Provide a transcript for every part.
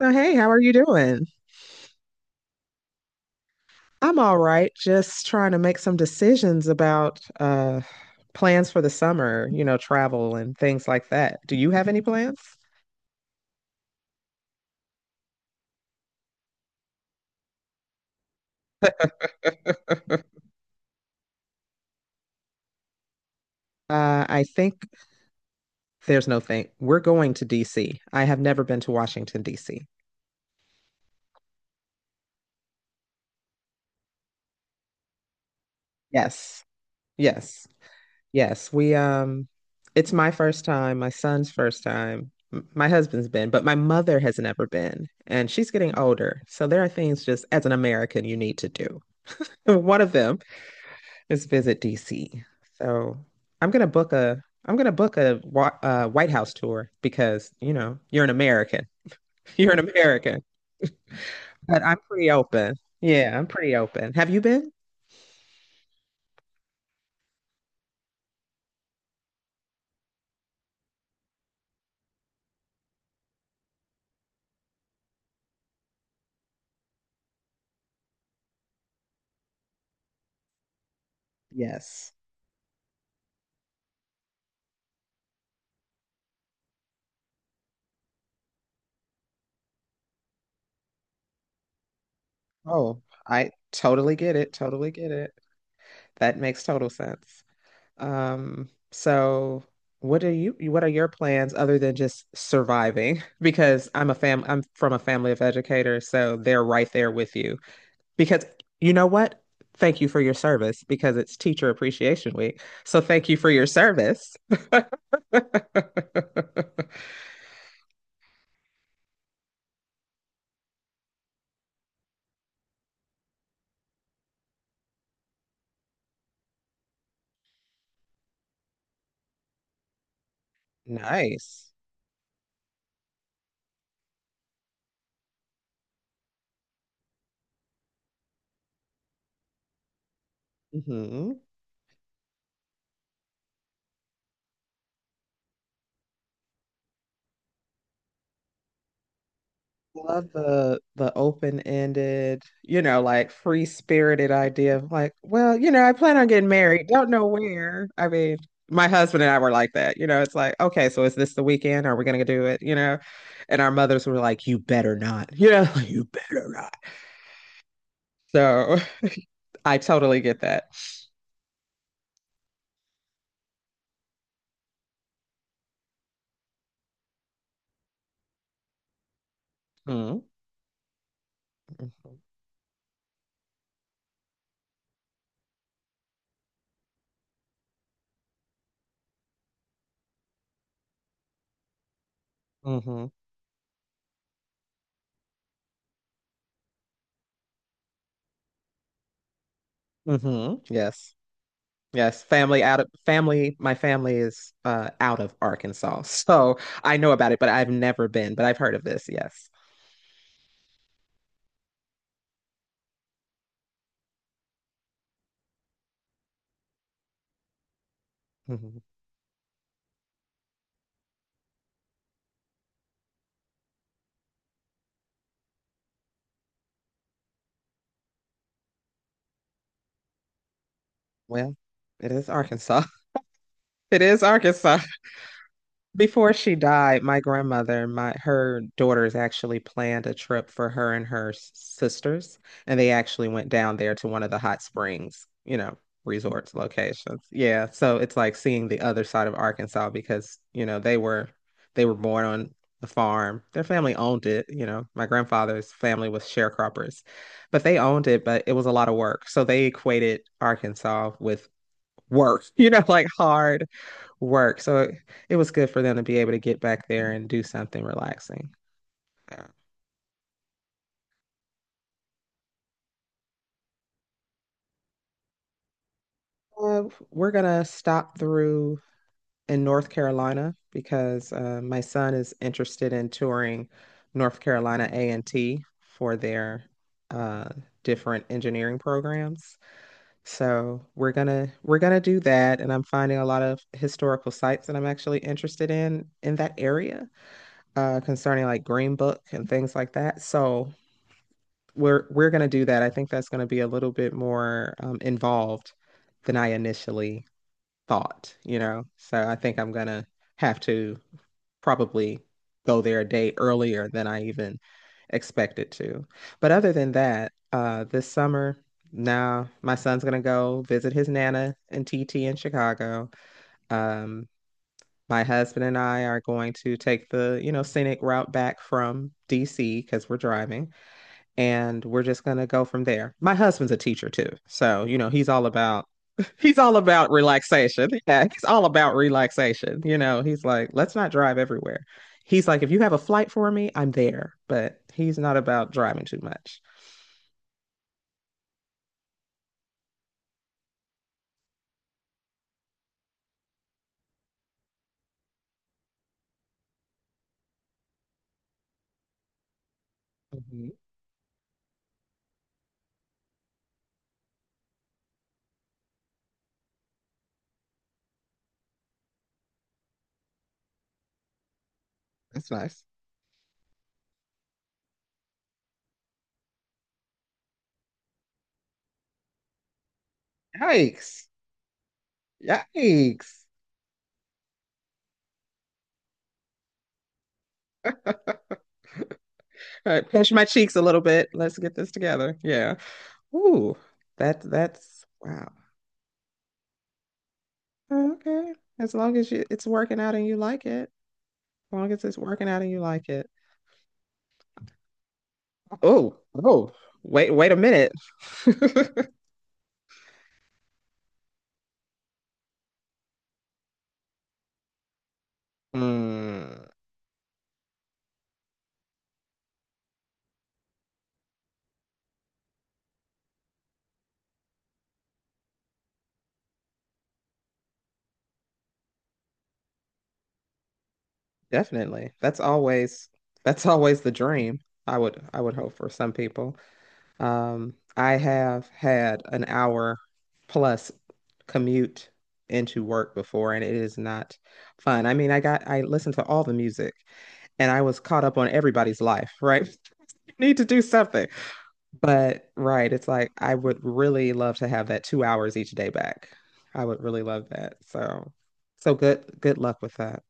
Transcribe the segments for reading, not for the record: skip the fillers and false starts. So, hey, how are you doing? I'm all right. Just trying to make some decisions about plans for the summer, travel and things like that. Do you have any plans? I think there's no thing. We're going to DC. I have never been to Washington, DC. Yes. Yes. Yes. We it's my first time, my son's first time. My husband's been, but my mother has never been, and she's getting older. So there are things just as an American you need to do. One of them. Just visit DC. So I'm gonna book a, White House tour because you know you're an American. You're an American, but I'm pretty open. Yeah, I'm pretty open. Have you been? Yes. Oh, I totally get it. Totally get it. That makes total sense. So what are your plans other than just surviving? Because I'm from a family of educators, so they're right there with you. Because you know what? Thank you for your service because it's Teacher Appreciation Week. So thank you for your service. Nice. Love the open-ended, you know, like free-spirited idea of like, well, you know, I plan on getting married. Don't know where. I mean, my husband and I were like that. You know, it's like, okay, so is this the weekend? Are we gonna do it? You know? And our mothers were like, you better not. You know, you better not. So I totally get that. Mm. Mhm. Mhm. Mhm. Yes. Yes, family out of family. My family is out of Arkansas, so I know about it, but I've never been. But I've heard of this. Yes. Mhm. Well, it is Arkansas. It is Arkansas. Before she died, my grandmother, my her daughters actually planned a trip for her and her sisters, and they actually went down there to one of the hot springs, resorts locations. Yeah, so it's like seeing the other side of Arkansas because, they were born on the farm. Their family owned it. My grandfather's family was sharecroppers, but they owned it, but it was a lot of work. So they equated Arkansas with work, like hard work. So it was good for them to be able to get back there and do something relaxing. Uh, we're going to stop through in North Carolina because my son is interested in touring North Carolina A&T for their uh, different engineering programs. So we're gonna do that, and I'm finding a lot of historical sites that I'm actually interested in that area concerning like Green Book and things like that. So we're going to do that. I think that's going to be a little bit more involved than I initially thought. So I think I'm going to have to probably go there a day earlier than I even expected to. But other than that, this summer now my son's going to go visit his nana and T T in Chicago. Um, my husband and I are going to take the, scenic route back from DC because we're driving and we're just gonna go from there. My husband's a teacher too, so you know he's all about he's all about relaxation. Yeah, he's all about relaxation. he's like, let's not drive everywhere. He's like, if you have a flight for me, I'm there, but he's not about driving too much. Mhm. That's nice. Yikes. Yikes. All right, pinch my cheeks a little bit. Let's get this together. Yeah. Ooh, that's wow. Okay. As long as you, it's working out and you like it. As long as it's working out and you like it. Oh, oh, wait, wait a minute. Mm, definitely. That's always the dream. I would hope for some people. I have had an hour plus commute into work before, and it is not fun. I mean, I listened to all the music, and I was caught up on everybody's life, right? Need to do something. But right, it's like I would really love to have that 2 hours each day back. I would really love that. So good, good luck with that.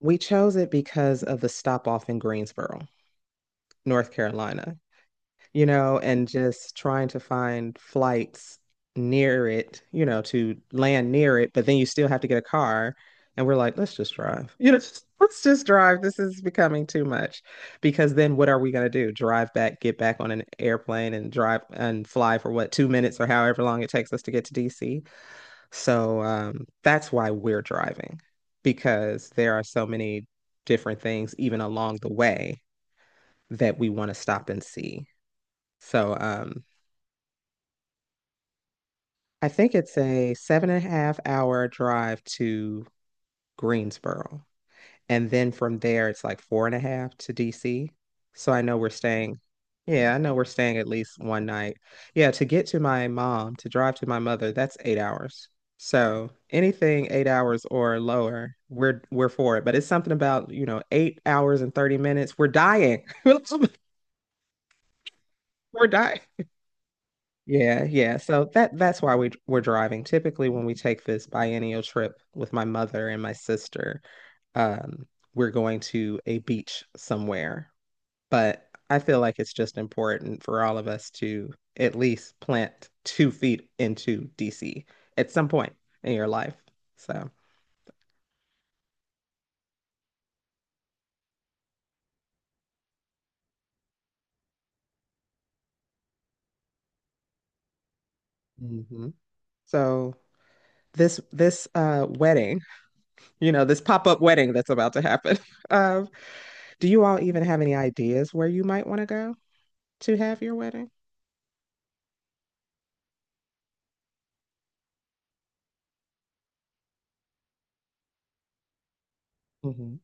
We chose it because of the stop off in Greensboro, North Carolina. And just trying to find flights near it, to land near it, but then you still have to get a car. And we're like, let's just drive. Let's just drive. This is becoming too much. Because then what are we going to do? Drive back, get back on an airplane and drive and fly for what, 2 minutes or however long it takes us to get to DC. So that's why we're driving, because there are so many different things, even along the way, that we want to stop and see. So I think it's a seven and a half hour drive to Greensboro. And then from there, it's like four and a half to DC. So I know we're staying. Yeah, I know we're staying at least one night. Yeah, to get to my mom, to drive to my mother, that's 8 hours. So anything 8 hours or lower, we're for it. But it's something about, 8 hours and 30 minutes. We're dying. We're dying. Yeah, yeah. So that's why we're driving. Typically, when we take this biennial trip with my mother and my sister, um, we're going to a beach somewhere. But I feel like it's just important for all of us to at least plant two feet into DC at some point in your life. So, mhm. So this wedding, this pop-up wedding that's about to happen. Um, do you all even have any ideas where you might want to go to have your wedding? Hmm.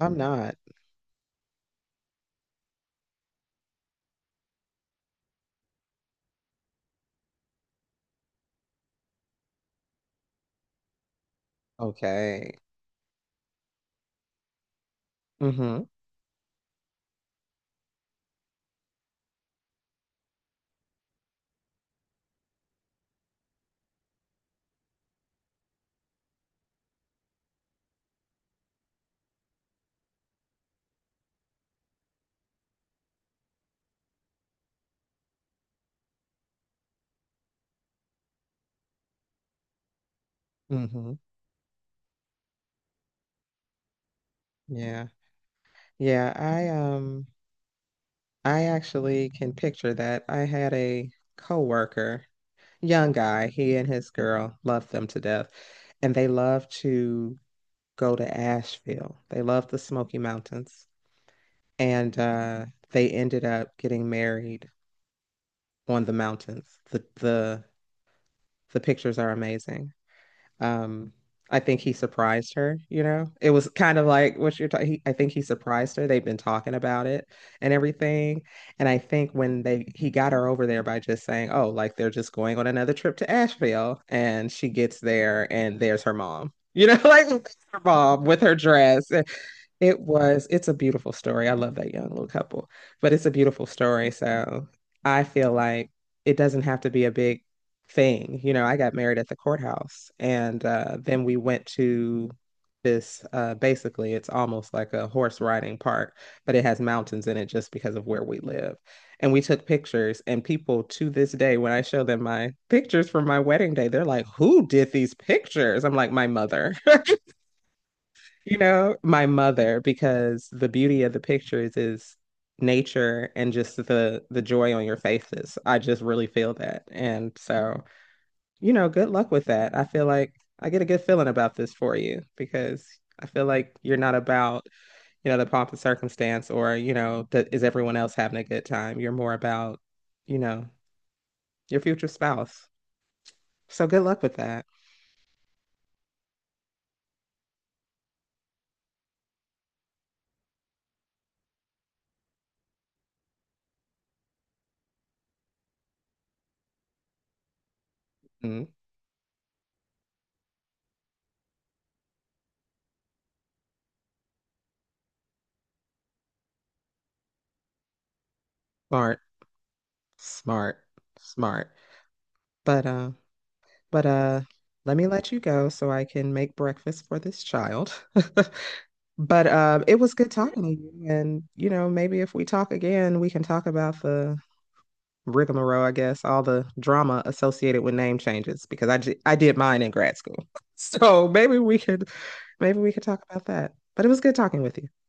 I'm not. Okay. Hmm. Hmm. Yeah. Yeah, I actually can picture that. I had a coworker, young guy, he and his girl loved them to death, and they love to go to Asheville. They love the Smoky Mountains. And they ended up getting married on the mountains. The pictures are amazing. Um, I think he surprised her. It was kind of like what you're talking. I think he surprised her. They've been talking about it and everything. And I think when they he got her over there by just saying, "Oh, like they're just going on another trip to Asheville," and she gets there and there's her mom. Like her mom with her dress. It's a beautiful story. I love that young little couple, but it's a beautiful story. So I feel like it doesn't have to be a big thing. I got married at the courthouse and then we went to this basically, it's almost like a horse riding park, but it has mountains in it just because of where we live. And we took pictures, and people to this day, when I show them my pictures from my wedding day, they're like, "Who did these pictures?" I'm like, My mother, because the beauty of the pictures is nature and just the joy on your faces. I just really feel that. And so, good luck with that. I feel like I get a good feeling about this for you because I feel like you're not about, the pomp and circumstance or, that is everyone else having a good time. You're more about, you know, your future spouse. So good luck with that. Mm. Smart, smart, smart. But uh, But let me let you go so I can make breakfast for this child. But it was good talking to you. And maybe if we talk again, we can talk about the rigmarole, I guess, all the drama associated with name changes because I did mine in grad school. So maybe we could talk about that. But it was good talking with you.